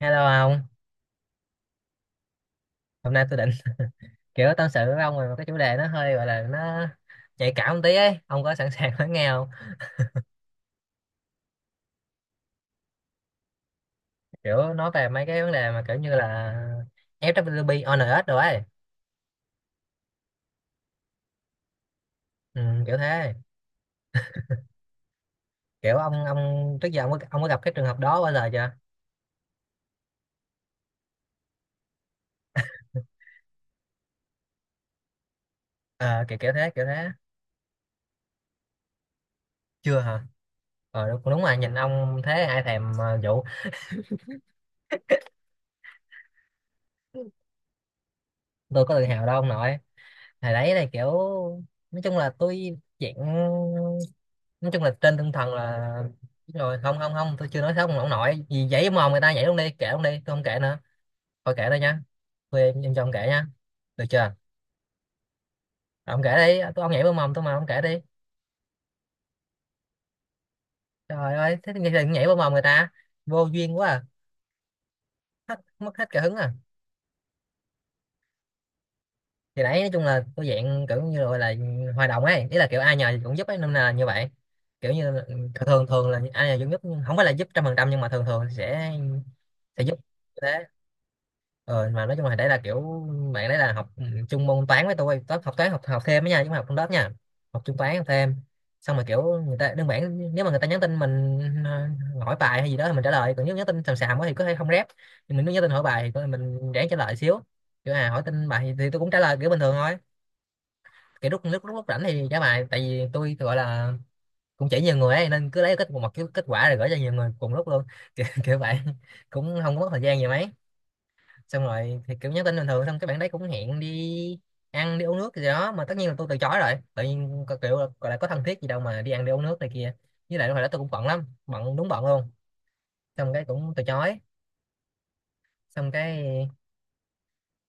Hello ông, hôm nay tôi định kiểu tâm sự với ông về một cái chủ đề nó hơi gọi là nó nhạy cảm một tí ấy, ông có sẵn sàng lắng nghe không? Kiểu nói về mấy cái vấn đề mà kiểu như là ép vê kép pê, O FWB, ONS rồi ấy, ừ, kiểu thế. Kiểu ông trước giờ ông có gặp cái trường hợp đó bao giờ chưa? Ờ, kiểu kiểu thế kiểu thế. Chưa hả? Ờ đúng, đúng rồi, nhìn ông thế ai thèm vụ tôi có tự hào đâu ông nội. Hồi đấy là kiểu nói chung là tôi dạng nói chung là trên tinh thần là đúng rồi, không không không, tôi chưa nói xấu ông nội gì, giấy mồm người ta vậy luôn, đi kể luôn đi, tôi không kể nữa. Thôi kể đây nha, em cho ông kể nha, được chưa? Ông kể đi, tôi ông nhảy vào mồm tôi mà ông kể đi. Trời ơi thế thì đừng nhảy vào mồm người ta, vô duyên quá à. Hết, mất hết cả hứng à. Thì đấy nói chung là tôi dạng kiểu như là, gọi là hòa đồng ấy, ý là kiểu ai nhờ thì cũng giúp ấy nên là như vậy, kiểu như là, thường thường là ai nhờ cũng giúp nhưng không phải là giúp trăm phần trăm, nhưng mà thường thường sẽ giúp thế. Ờ, mà nói chung là đấy là kiểu bạn đấy là học chung môn toán với tôi, toán học học thêm đó nha, chứ không học trong lớp nha. Học chung toán học thêm, xong rồi kiểu người ta đơn giản nếu mà người ta nhắn tin mình ờ, hỏi bài hay gì đó thì mình trả lời, còn nếu nhắn tin xàm xàm quá thì có thể không rep, nhưng mình nếu nhắn tin hỏi bài thì mình ráng trả lời xíu. Kiểu à, hỏi tin bài thì tôi cũng trả lời kiểu bình thường thôi, kiểu lúc rảnh thì trả bài, tại vì tôi gọi là cũng chỉ nhiều người ấy nên cứ lấy kết một cái kết quả rồi gửi cho nhiều người cùng lúc luôn kiểu vậy, cũng không có mất thời gian gì mấy. Xong rồi thì kiểu nhắn tin bình thường, xong cái bạn đấy cũng hẹn đi ăn đi uống nước gì đó, mà tất nhiên là tôi từ chối rồi, tự nhiên có kiểu gọi là có thân thiết gì đâu mà đi ăn đi uống nước này kia. Với lại lúc hồi đó tôi cũng bận lắm, bận đúng bận luôn, xong cái cũng từ chối. Xong cái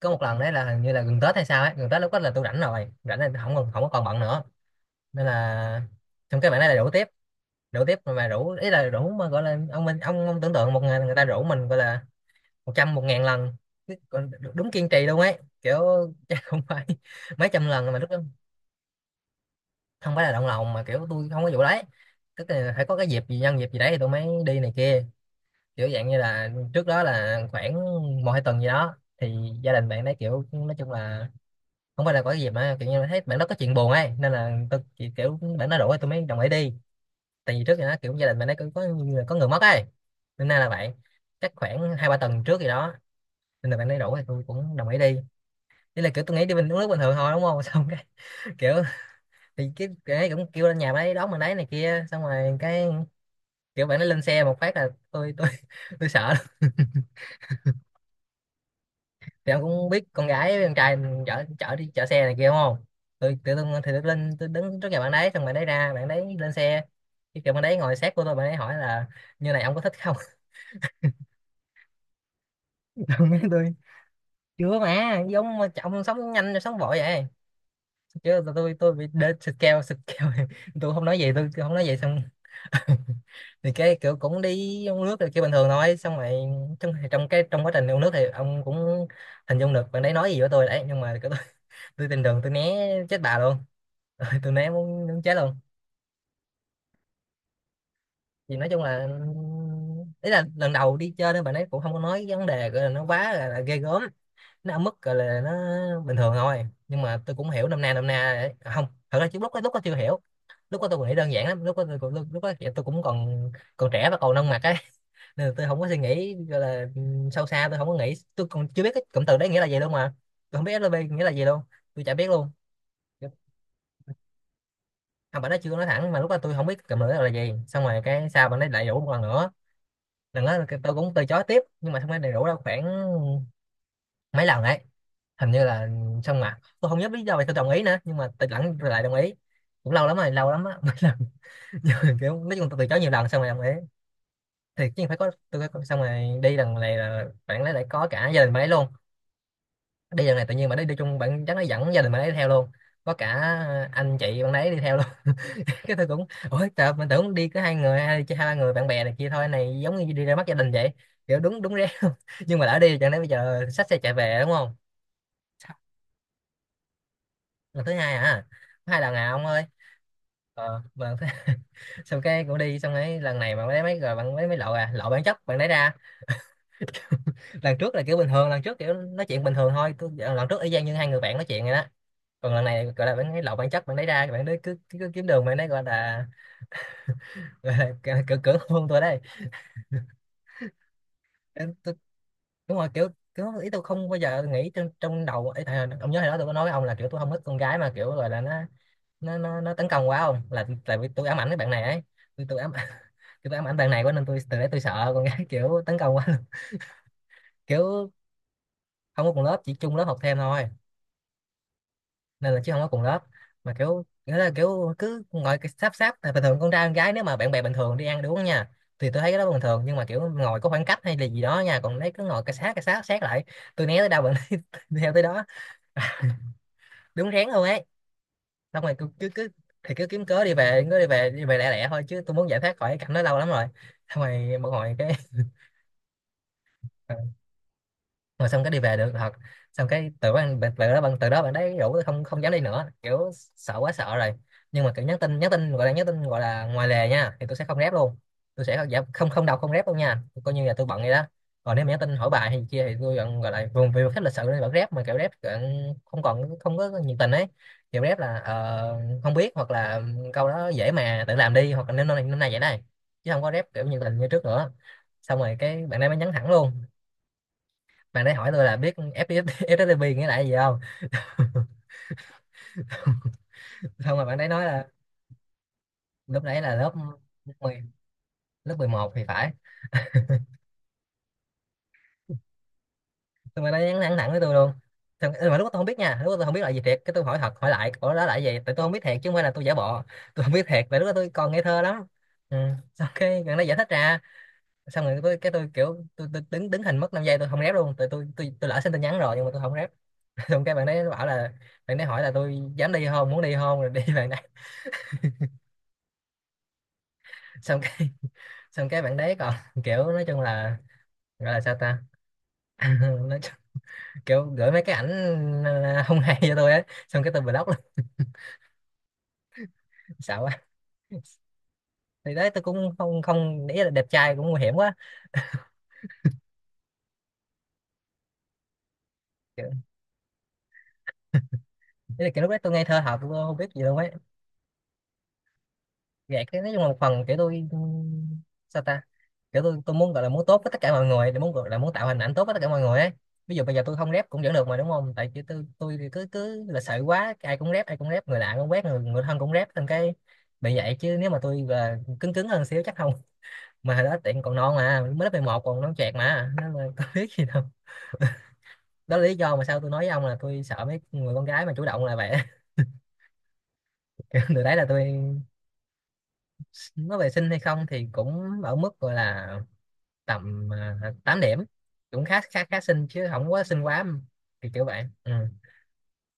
có một lần đấy là hình như là gần Tết hay sao ấy, gần Tết lúc đó là tôi rảnh rồi, rảnh là không còn, không có còn bận nữa, nên là xong cái bạn đấy là rủ tiếp. Rủ tiếp mà rủ ý là rủ mà gọi là ông mình ông tưởng tượng một ngày người ta rủ mình gọi là một trăm một ngàn lần. Còn đúng kiên trì luôn ấy kiểu, chứ không phải mấy trăm lần mà lúc đó không phải là động lòng mà kiểu tôi không có vụ đấy, tức là phải có cái dịp gì, nhân dịp gì đấy thì tôi mới đi này kia. Kiểu dạng như là trước đó là khoảng một hai tuần gì đó thì gia đình bạn đấy kiểu nói chung là không phải là có cái dịp mà kiểu như là thấy bạn đó có chuyện buồn ấy, nên là tôi chỉ kiểu bạn nó rủ thì tôi mới đồng ý đi. Tại vì trước thì nó kiểu gia đình bạn đấy cũng có người mất ấy, nên là bạn chắc khoảng hai ba tuần trước gì đó, nên là bạn ấy rủ thì tôi cũng đồng ý đi. Đây là kiểu tôi nghĩ đi bình uống nước bình thường thôi đúng không, xong cái kiểu thì cái ấy cũng kêu lên nhà bạn ấy đón mình đấy này kia, xong rồi cái kiểu bạn ấy lên xe một phát là tôi tôi sợ lắm. Thì ông cũng biết con gái với con trai mình chở chở đi chở xe này kia đúng không. Tôi tự dưng thì tôi lên, tôi đứng trước nhà bạn đấy xong bạn đấy ra, bạn đấy lên xe, cái kiểu bạn đấy ngồi sát của tôi, bạn ấy hỏi là như này ông có thích không. Tôi nói tôi chưa mà giống mà ông sống nhanh rồi, sống vội vậy. Chứ tôi bị đến scale scale tôi không nói gì, tôi không nói gì xong. Thì cái kiểu cũng đi uống nước rồi kiểu bình thường thôi, xong rồi trong trong cái trong quá trình uống nước thì ông cũng hình dung được bạn đấy nói gì với tôi đấy, nhưng mà kiểu tôi, tôi tình đường tôi né chết bà luôn, tôi né muốn chết luôn. Thì nói chung là ý là lần đầu đi chơi nên bạn ấy cũng không có nói vấn đề gọi là nó quá là ghê gớm, nó ở mức gọi là nó bình thường thôi, nhưng mà tôi cũng hiểu nôm na, nôm na đấy. À, không, thật ra chứ lúc đó chưa hiểu. Lúc đó tôi còn nghĩ đơn giản lắm, lúc đó tôi lúc đó tôi cũng còn còn trẻ và còn nông mặt ấy, nên là tôi không có suy nghĩ gọi là sâu xa, tôi không có nghĩ, tôi còn chưa biết cái cụm từ đấy nghĩa là gì luôn mà. Tôi không biết SLV nghĩa là gì luôn, tôi chả biết luôn. Không, bạn nó chưa nói thẳng mà lúc đó tôi không biết cụm từ đó là gì, xong rồi cái sao bạn ấy lại rủ một lần nữa. Lần đó tôi cũng từ chối tiếp nhưng mà không phải đầy đủ đâu, khoảng mấy lần đấy hình như là xong, mà tôi không nhớ lý do vì tôi đồng ý nữa, nhưng mà tôi lẫn lại đồng ý, cũng lâu lắm rồi, lâu lắm á, mấy lần. Nhưng kiểu nói chung tôi từ chối nhiều lần xong rồi đồng ý. Thì chứ phải có, tôi phải xong rồi đi lần này là bạn ấy lại có cả gia đình bạn ấy luôn. Đi lần này tự nhiên bạn ấy đi chung, bạn chắc nó dẫn gia đình bạn ấy theo luôn, có cả anh chị bạn ấy đi theo luôn. Cái tôi cũng ôi trời, mình tưởng đi có hai người, hai hai ba người bạn bè này kia thôi, này giống như đi ra mắt gia đình vậy, kiểu đúng đúng ré luôn. Nhưng mà đã đi chẳng lẽ bây giờ xách xe chạy về đúng không. Lần thứ hai à, có hai lần à ông ơi. Ờ bạn xong cái cũng đi, xong ấy lần này bạn lấy mấy rồi, bạn lấy mấy lậu à, lậu bản chất bạn lấy ra. Lần trước là kiểu bình thường, lần trước kiểu nói chuyện bình thường thôi lần trước y chang như hai người bạn nói chuyện rồi đó. Còn lần này gọi là bạn lấy lậu bản chất bạn lấy ra, bạn đấy cứ kiếm đường, bạn đấy gọi là gọi là cỡ cỡ cỡ hôn tôi đây. Tôi, đúng rồi kiểu, kiểu ý tôi không bao giờ nghĩ trong trong đầu ấy thầy, ông nhớ hồi đó tôi có nói với ông là kiểu tôi không thích con gái mà kiểu gọi là nó tấn công quá không, là tại vì tôi ám ảnh cái bạn này ấy. Tôi ám tôi ám ảnh bạn này quá nên tôi từ đấy tôi sợ con gái, kiểu tấn công quá luôn. Kiểu không có cùng lớp, chỉ chung lớp học thêm thôi nên là, chứ không có cùng lớp. Mà kiểu nghĩa là kiểu cứ ngồi cái sáp sáp. Tại bình thường con trai con gái nếu mà bạn bè bình thường đi ăn đi uống nha, thì tôi thấy cái đó bình thường, nhưng mà kiểu ngồi có khoảng cách hay là gì đó nha, còn đấy cứ ngồi cái sát sát lại. Tôi né tới đâu bạn theo tới đó, đúng rén luôn ấy. Xong rồi cứ cứ, cứ thì cứ kiếm cớ đi về, cứ đi về lẻ lẻ thôi, chứ tôi muốn giải thoát khỏi cái cảnh đó lâu lắm rồi. Xong rồi một hồi cái rồi xong cái đi về được thật. Xong cái từ đó bạn, từ đó bạn đấy rủ tôi, không không dám đi nữa kiểu, sợ quá sợ rồi. Nhưng mà kiểu nhắn tin gọi là nhắn tin gọi là ngoài lề nha, thì tôi sẽ không rep luôn. Tôi sẽ không, dạ, không không đọc không rep luôn nha, coi như là tôi bận vậy đó. Còn nếu mà nhắn tin hỏi bài hay gì kia thì tôi vẫn gọi là vùng vì khách lịch sự nên vẫn rep, mà kiểu rep kiểu không còn không có nhiệt tình ấy. Kiểu rep là ờ, không biết, hoặc là câu đó dễ mà tự làm đi, hoặc là năm nay vậy này, chứ không có rep kiểu nhiệt tình như trước nữa. Xong rồi cái bạn ấy mới nhắn thẳng luôn. Bạn đấy hỏi tôi là biết FTP, FTP nghĩa là gì không. Xong rồi bạn đấy nói là lúc đấy là lớp 10, lớp 11 thì phải. Xong rồi nó nhắn thẳng thẳng với tôi luôn. Xong, ừ, mà lúc đó tôi không biết nha, lúc đó tôi không biết là gì thiệt, cái tôi hỏi thật hỏi lại ủa đó là cái gì, tại tôi không biết thiệt chứ không phải là tôi giả bộ. Tôi không biết thiệt, tại lúc đó tôi còn ngây thơ lắm. Ừ. Xong cái gần đó giải thích ra. Xong rồi tôi, cái tôi kiểu tôi đứng đứng hình mất 5 giây, tôi không rep luôn, tại tôi lỡ xin tin nhắn rồi nhưng mà tôi không rep. Xong cái bạn đấy bảo là, bạn đấy hỏi là tôi dám đi không, muốn đi không rồi đi. Bạn đấy, xong cái, xong cái bạn đấy còn kiểu nói chung là gọi là sao ta. Nói chung, kiểu gửi mấy cái ảnh ờ, không hay cho tôi ấy, xong cái tôi block luôn. Sợ quá. Thì đấy tôi cũng không không để ý là đẹp trai cũng nguy hiểm quá. Kiểu, ý là kiểu lúc đấy tôi ngây thơ hợp, tôi không biết gì luôn ấy. Gạt cái nói chung là một phần kiểu tôi, ừ, sao ta, kiểu tôi muốn gọi là muốn tốt với tất cả mọi người, để muốn gọi là muốn tạo hình ảnh tốt với tất cả mọi người ấy. Ví dụ bây giờ tôi không rep cũng vẫn được mà đúng không, tại chứ tôi thì cứ cứ là sợ quá, ai cũng rep, ai cũng rep, người lạ cũng quét, người người thân cũng rep, thành cái bị vậy. Chứ nếu mà tôi là cứng cứng hơn xíu chắc không. Mà hồi đó tiện còn non mà, mới lớp 11 còn non chẹt mà nên là có biết gì đâu. Đó là lý do mà sao tôi nói với ông là tôi sợ mấy người con gái mà chủ động là vậy. Từ đấy là tôi nói về sinh hay không thì cũng ở mức gọi là tầm 8 điểm, cũng khá khá khá xinh chứ không quá xinh quá. Thì kiểu vậy, ừ.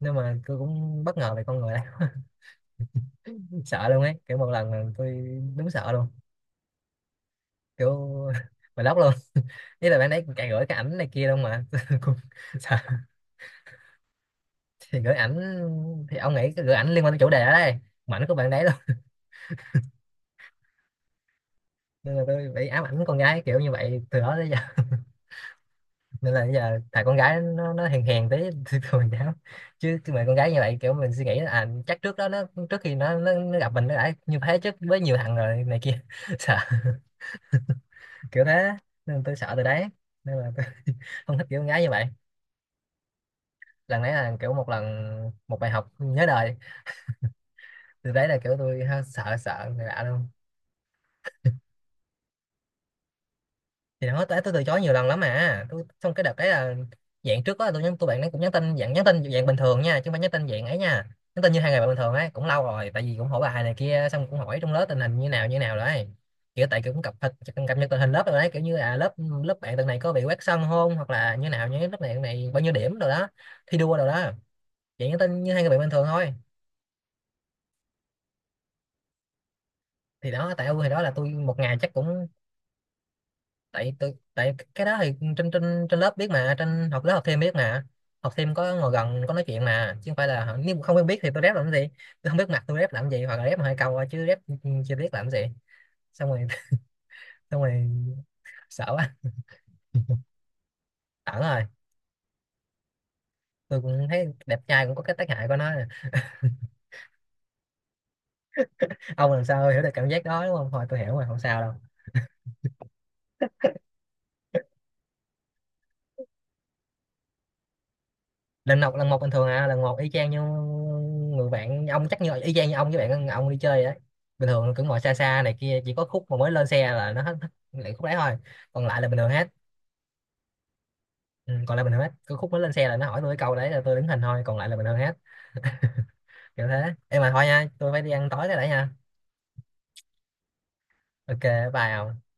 Nhưng mà tôi cũng bất ngờ về con người này. Sợ luôn ấy, kiểu một lần là tôi đúng sợ luôn, kiểu mà lóc luôn. Ý là bạn đấy càng gửi cái ảnh này kia luôn mà cũng sợ. Thì gửi ảnh, thì ông nghĩ cái gửi ảnh liên quan tới chủ đề ở đây, mà ảnh của bạn đấy luôn. Nên là tôi bị ám ảnh con gái kiểu như vậy từ đó tới giờ. Nên là bây giờ thằng con gái nó hèn hèn tí thì thường cháu. Chứ chứ mà con gái như vậy kiểu mình suy nghĩ là, à chắc trước đó nó, trước khi nó gặp mình nó đã như thế chứ, với nhiều thằng rồi này kia. Sợ, kiểu thế. Nên tôi sợ từ đấy, nên là tôi không thích kiểu con gái như vậy. Lần đấy là kiểu một lần, một bài học nhớ đời. Từ đấy là kiểu tôi ha, sợ sợ người lạ luôn. Thì đó tôi từ chối nhiều lần lắm mà, tôi xong cái đợt đấy là dạng trước đó tôi nhắn, tôi bạn ấy cũng nhắn tin dạng bình thường nha, chứ không phải nhắn tin dạng ấy nha. Nhắn tin như hai ngày bạn bình thường ấy, cũng lâu rồi tại vì cũng hỏi bài này kia, xong cũng hỏi trong lớp tình hình như nào đấy. Kiểu tại kiểu cũng cập nhật tình hình lớp rồi đấy, kiểu như à lớp, lớp bạn tuần này có bị quét sân không, hoặc là như nào, như lớp này tuần này bao nhiêu điểm rồi đó, thi đua rồi đó. Dạng nhắn tin như hai người bạn bình thường thôi. Thì đó tại ưu, thì đó là tôi một ngày chắc cũng, tại tôi tại cái đó thì trên trên trên lớp biết mà, trên học lớp học thêm biết mà, học thêm có ngồi gần có nói chuyện mà, chứ không phải là nếu mà không quen biết thì tôi rep làm cái gì. Tôi không biết mặt tôi rep làm gì, hoặc là rep hai câu thôi, chứ rep chưa biết làm cái gì. Xong rồi xong rồi sợ quá, ẩn rồi. Tôi cũng thấy đẹp trai cũng có cái tác hại của nó. Ông làm sao hiểu được cảm giác đó đúng không, thôi tôi hiểu rồi không sao đâu. Lần một, lần một bình thường à, lần một y chang như người bạn ông, chắc như y chang như ông với bạn ông đi chơi đấy, bình thường cứ ngồi xa xa này kia, chỉ có khúc mà mới lên xe là nó hết hết lại khúc đấy thôi, còn lại là bình thường hết. Ừ, còn lại bình thường hết, cứ khúc mới lên xe là nó hỏi tôi cái câu đấy là tôi đứng hình thôi, còn lại là bình thường hết. Kiểu thế em mà, thôi nha tôi phải đi ăn tối cái đã nha. Ok, bye ông.